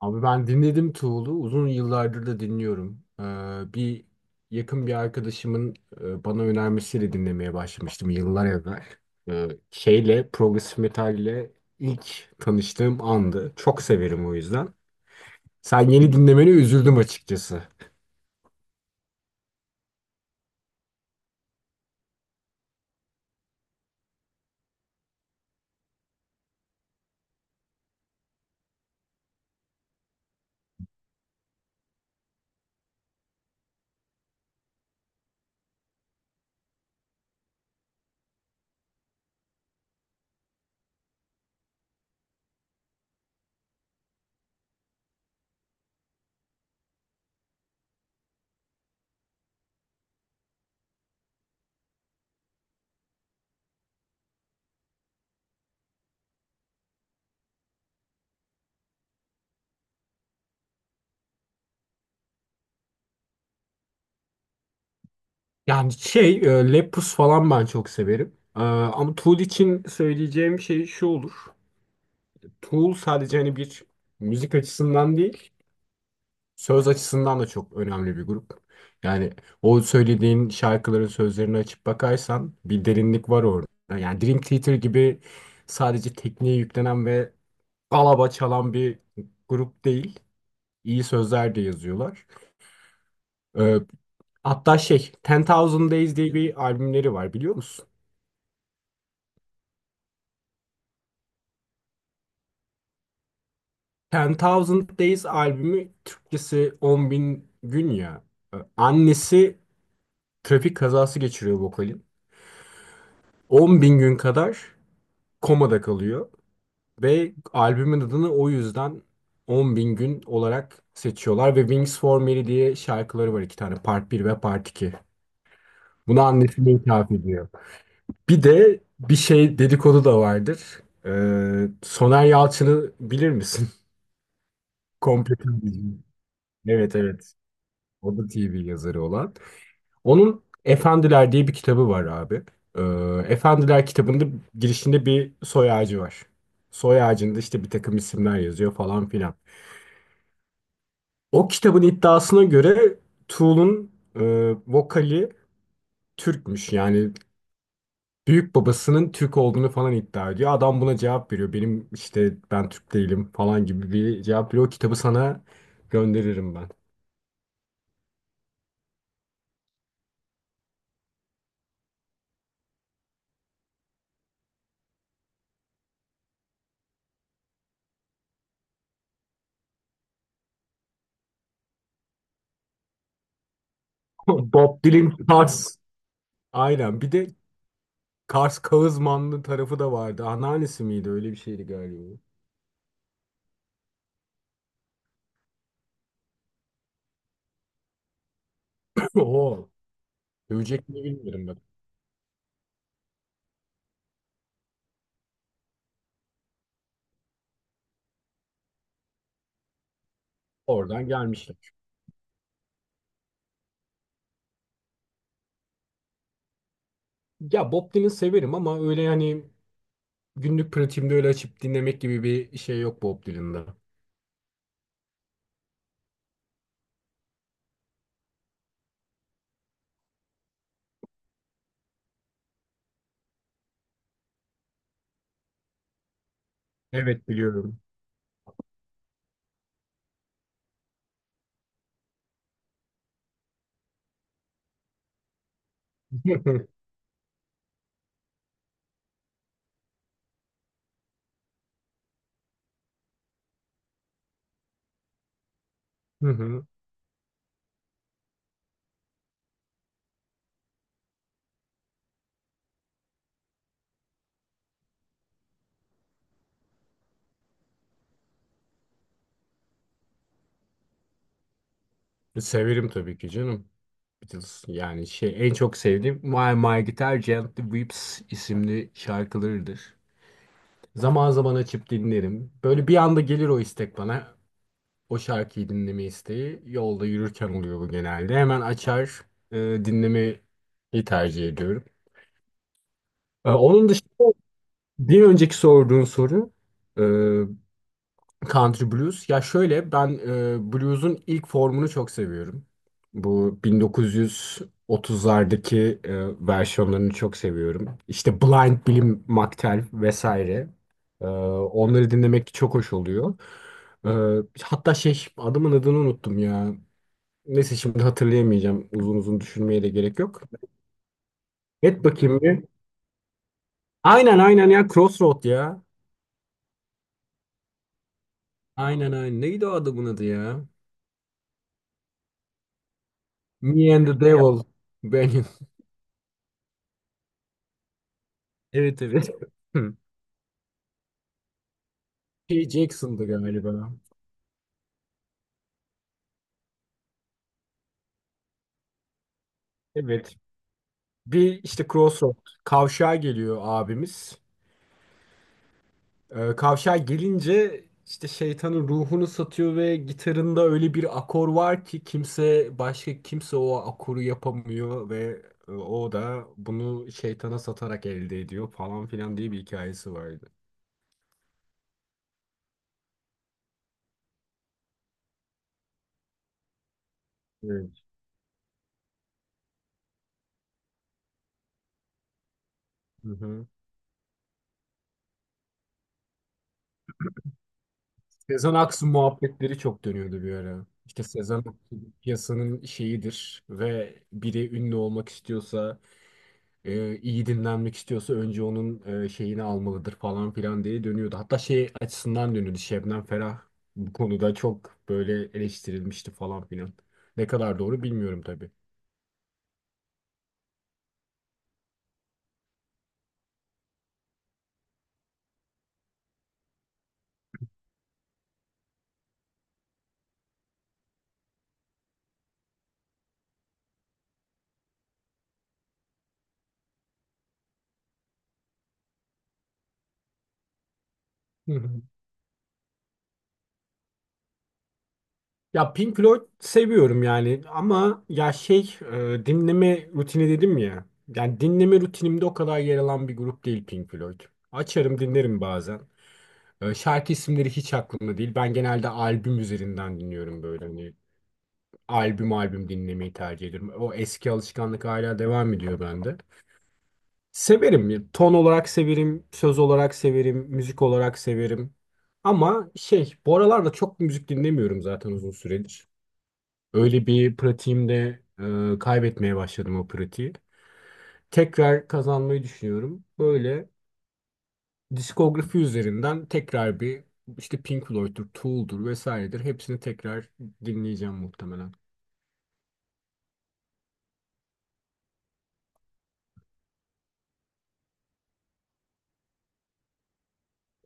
Abi ben dinledim Tool'u. Uzun yıllardır da dinliyorum. Bir yakın bir arkadaşımın bana önermesiyle dinlemeye başlamıştım yıllar evvel. Şeyle, progresif metalle ilk tanıştığım andı. Çok severim o yüzden. Sen yeni dinlemeni üzüldüm açıkçası. Yani şey, Lepus falan ben çok severim. Ama Tool için söyleyeceğim şey şu olur. Tool sadece hani bir müzik açısından değil, söz açısından da çok önemli bir grup. Yani o söylediğin şarkıların sözlerini açıp bakarsan bir derinlik var orada. Yani Dream Theater gibi sadece tekniğe yüklenen ve alaba çalan bir grup değil. İyi sözler de yazıyorlar. Ee, Hatta şey, Ten Thousand Days diye bir albümleri var biliyor musun? Ten Thousand Days albümü Türkçesi 10 bin gün ya. Annesi trafik kazası geçiriyor vokalin. 10 bin gün kadar komada kalıyor ve albümün adını o yüzden 10 bin gün olarak seçiyorlar ve Wings for Mary diye şarkıları var iki tane Part bir ve Part 2. Bunu annesine ithaf ediyor. Bir de bir şey dedikodu da vardır. Soner Yalçın'ı bilir misin? Komple Tüm Dünya. Evet, evet. O da TV yazarı olan. Onun Efendiler diye bir kitabı var abi. Ee, Efendiler kitabında girişinde bir soy ağacı var. Soy ağacında işte bir takım isimler yazıyor falan filan. O kitabın iddiasına göre Tool'un vokali Türkmüş. Yani büyük babasının Türk olduğunu falan iddia ediyor. Adam buna cevap veriyor. Benim işte ben Türk değilim falan gibi bir cevap veriyor. O kitabı sana gönderirim ben. Bob Dylan Tars. Aynen. Bir de Kars Kağızmanlı tarafı da vardı. Anneannesi miydi? Öyle bir şeydi galiba. O. Övecek mi bilmiyorum bak. Oradan gelmişler. Ya Bob Dylan severim ama öyle hani günlük pratiğimde öyle açıp dinlemek gibi bir şey yok Bob Dylan'da. Evet, biliyorum. Hı hı. Severim tabii ki canım. Beatles yani şey en çok sevdiğim My My Guitar Gently Weeps isimli şarkılarıdır. Zaman zaman açıp dinlerim. Böyle bir anda gelir o istek bana. O şarkıyı dinleme isteği yolda yürürken oluyor bu genelde. Hemen açar e, dinlemeyi tercih ediyorum. Onun dışında bir önceki sorduğun soru e, country blues. Ya şöyle ben blues'un ilk formunu çok seviyorum. Bu 1930'lardaki versiyonlarını çok seviyorum. İşte Blind Billy McTell vesaire. Onları dinlemek çok hoş oluyor. Ee, Hatta şey adamın adını unuttum ya. Neyse şimdi hatırlayamayacağım. Uzun uzun düşünmeye de gerek yok. Et bakayım bir. Aynen, aynen ya Crossroad ya. Aynen, aynen. Neydi o adamın adı ya? Me and the Devil. Benim. Evet, evet. Hı. P. Jackson'dı galiba. Evet. Bir işte Crossroad. Kavşağa geliyor abimiz. Kavşağa gelince işte şeytanın ruhunu satıyor ve gitarında öyle bir akor var ki kimse başka kimse o akoru yapamıyor ve o da bunu şeytana satarak elde ediyor falan filan diye bir hikayesi vardı. Evet. Hı hı. Sezen Aksu muhabbetleri çok dönüyordu bir ara. İşte Sezen Aksu piyasanın şeyidir ve biri ünlü olmak istiyorsa iyi dinlenmek istiyorsa önce onun şeyini almalıdır falan filan diye dönüyordu. Hatta şey açısından dönüyordu. Şebnem Ferah bu konuda çok böyle eleştirilmişti falan filan. Ne kadar doğru bilmiyorum tabii. Hı hı. Ya Pink Floyd seviyorum yani ama ya şey dinleme rutini dedim ya. Yani dinleme rutinimde o kadar yer alan bir grup değil Pink Floyd. Açarım dinlerim bazen. Şarkı isimleri hiç aklımda değil. Ben genelde albüm üzerinden dinliyorum böyle. Hani albüm albüm dinlemeyi tercih ediyorum. O eski alışkanlık hala devam ediyor bende. Severim. Ya, ton olarak severim, söz olarak severim, müzik olarak severim. Ama şey, bu aralarda çok müzik dinlemiyorum zaten uzun süredir. Öyle bir pratiğim kaybetmeye başladım o pratiği. Tekrar kazanmayı düşünüyorum. Böyle diskografi üzerinden tekrar bir işte Pink Floyd'dur, Tool'dur vesairedir. Hepsini tekrar dinleyeceğim muhtemelen.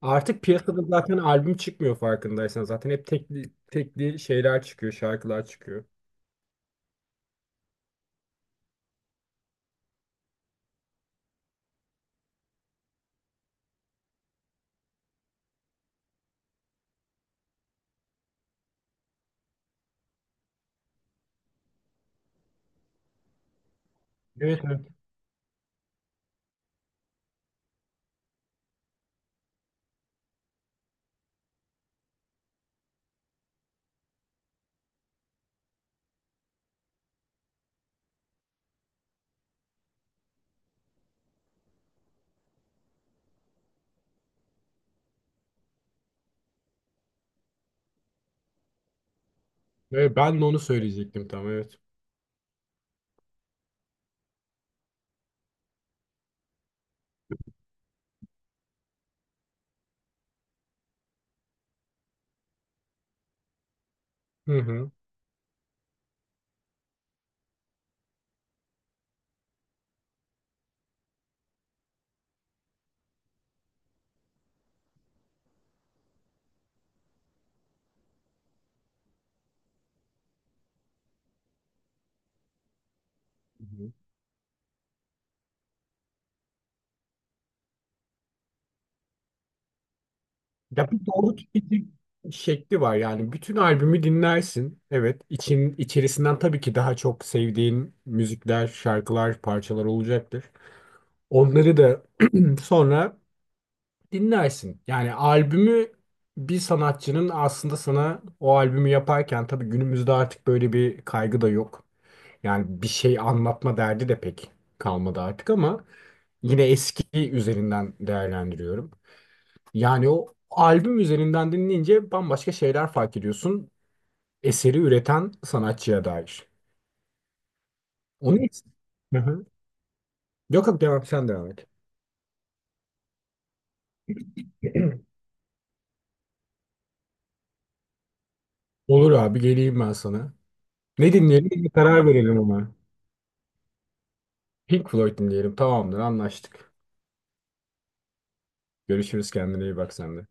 Artık piyasada zaten albüm çıkmıyor farkındaysan. Zaten hep tekli, tekli şeyler çıkıyor, şarkılar çıkıyor. Evet, evet. Evet, ben de onu söyleyecektim tam evet. Hı hı. Hı hı. Ya bir doğru tüketim şekli var yani. Bütün albümü dinlersin. Evet, içerisinden tabii ki daha çok sevdiğin müzikler, şarkılar, parçalar olacaktır. Onları da sonra dinlersin. Yani albümü bir sanatçının aslında sana o albümü yaparken tabii günümüzde artık böyle bir kaygı da yok. Yani bir şey anlatma derdi de pek kalmadı artık ama yine eski üzerinden değerlendiriyorum. Yani o albüm üzerinden dinleyince bambaşka şeyler fark ediyorsun. Eseri üreten sanatçıya dair. Onu hiç... Hı hı. Yok, yok, devam sen devam et. Olur abi geleyim ben sana. Ne dinleyelim bir karar verelim ama. Pink Floyd'um diyelim. Tamamdır, anlaştık. Görüşürüz, kendine iyi bak sen de.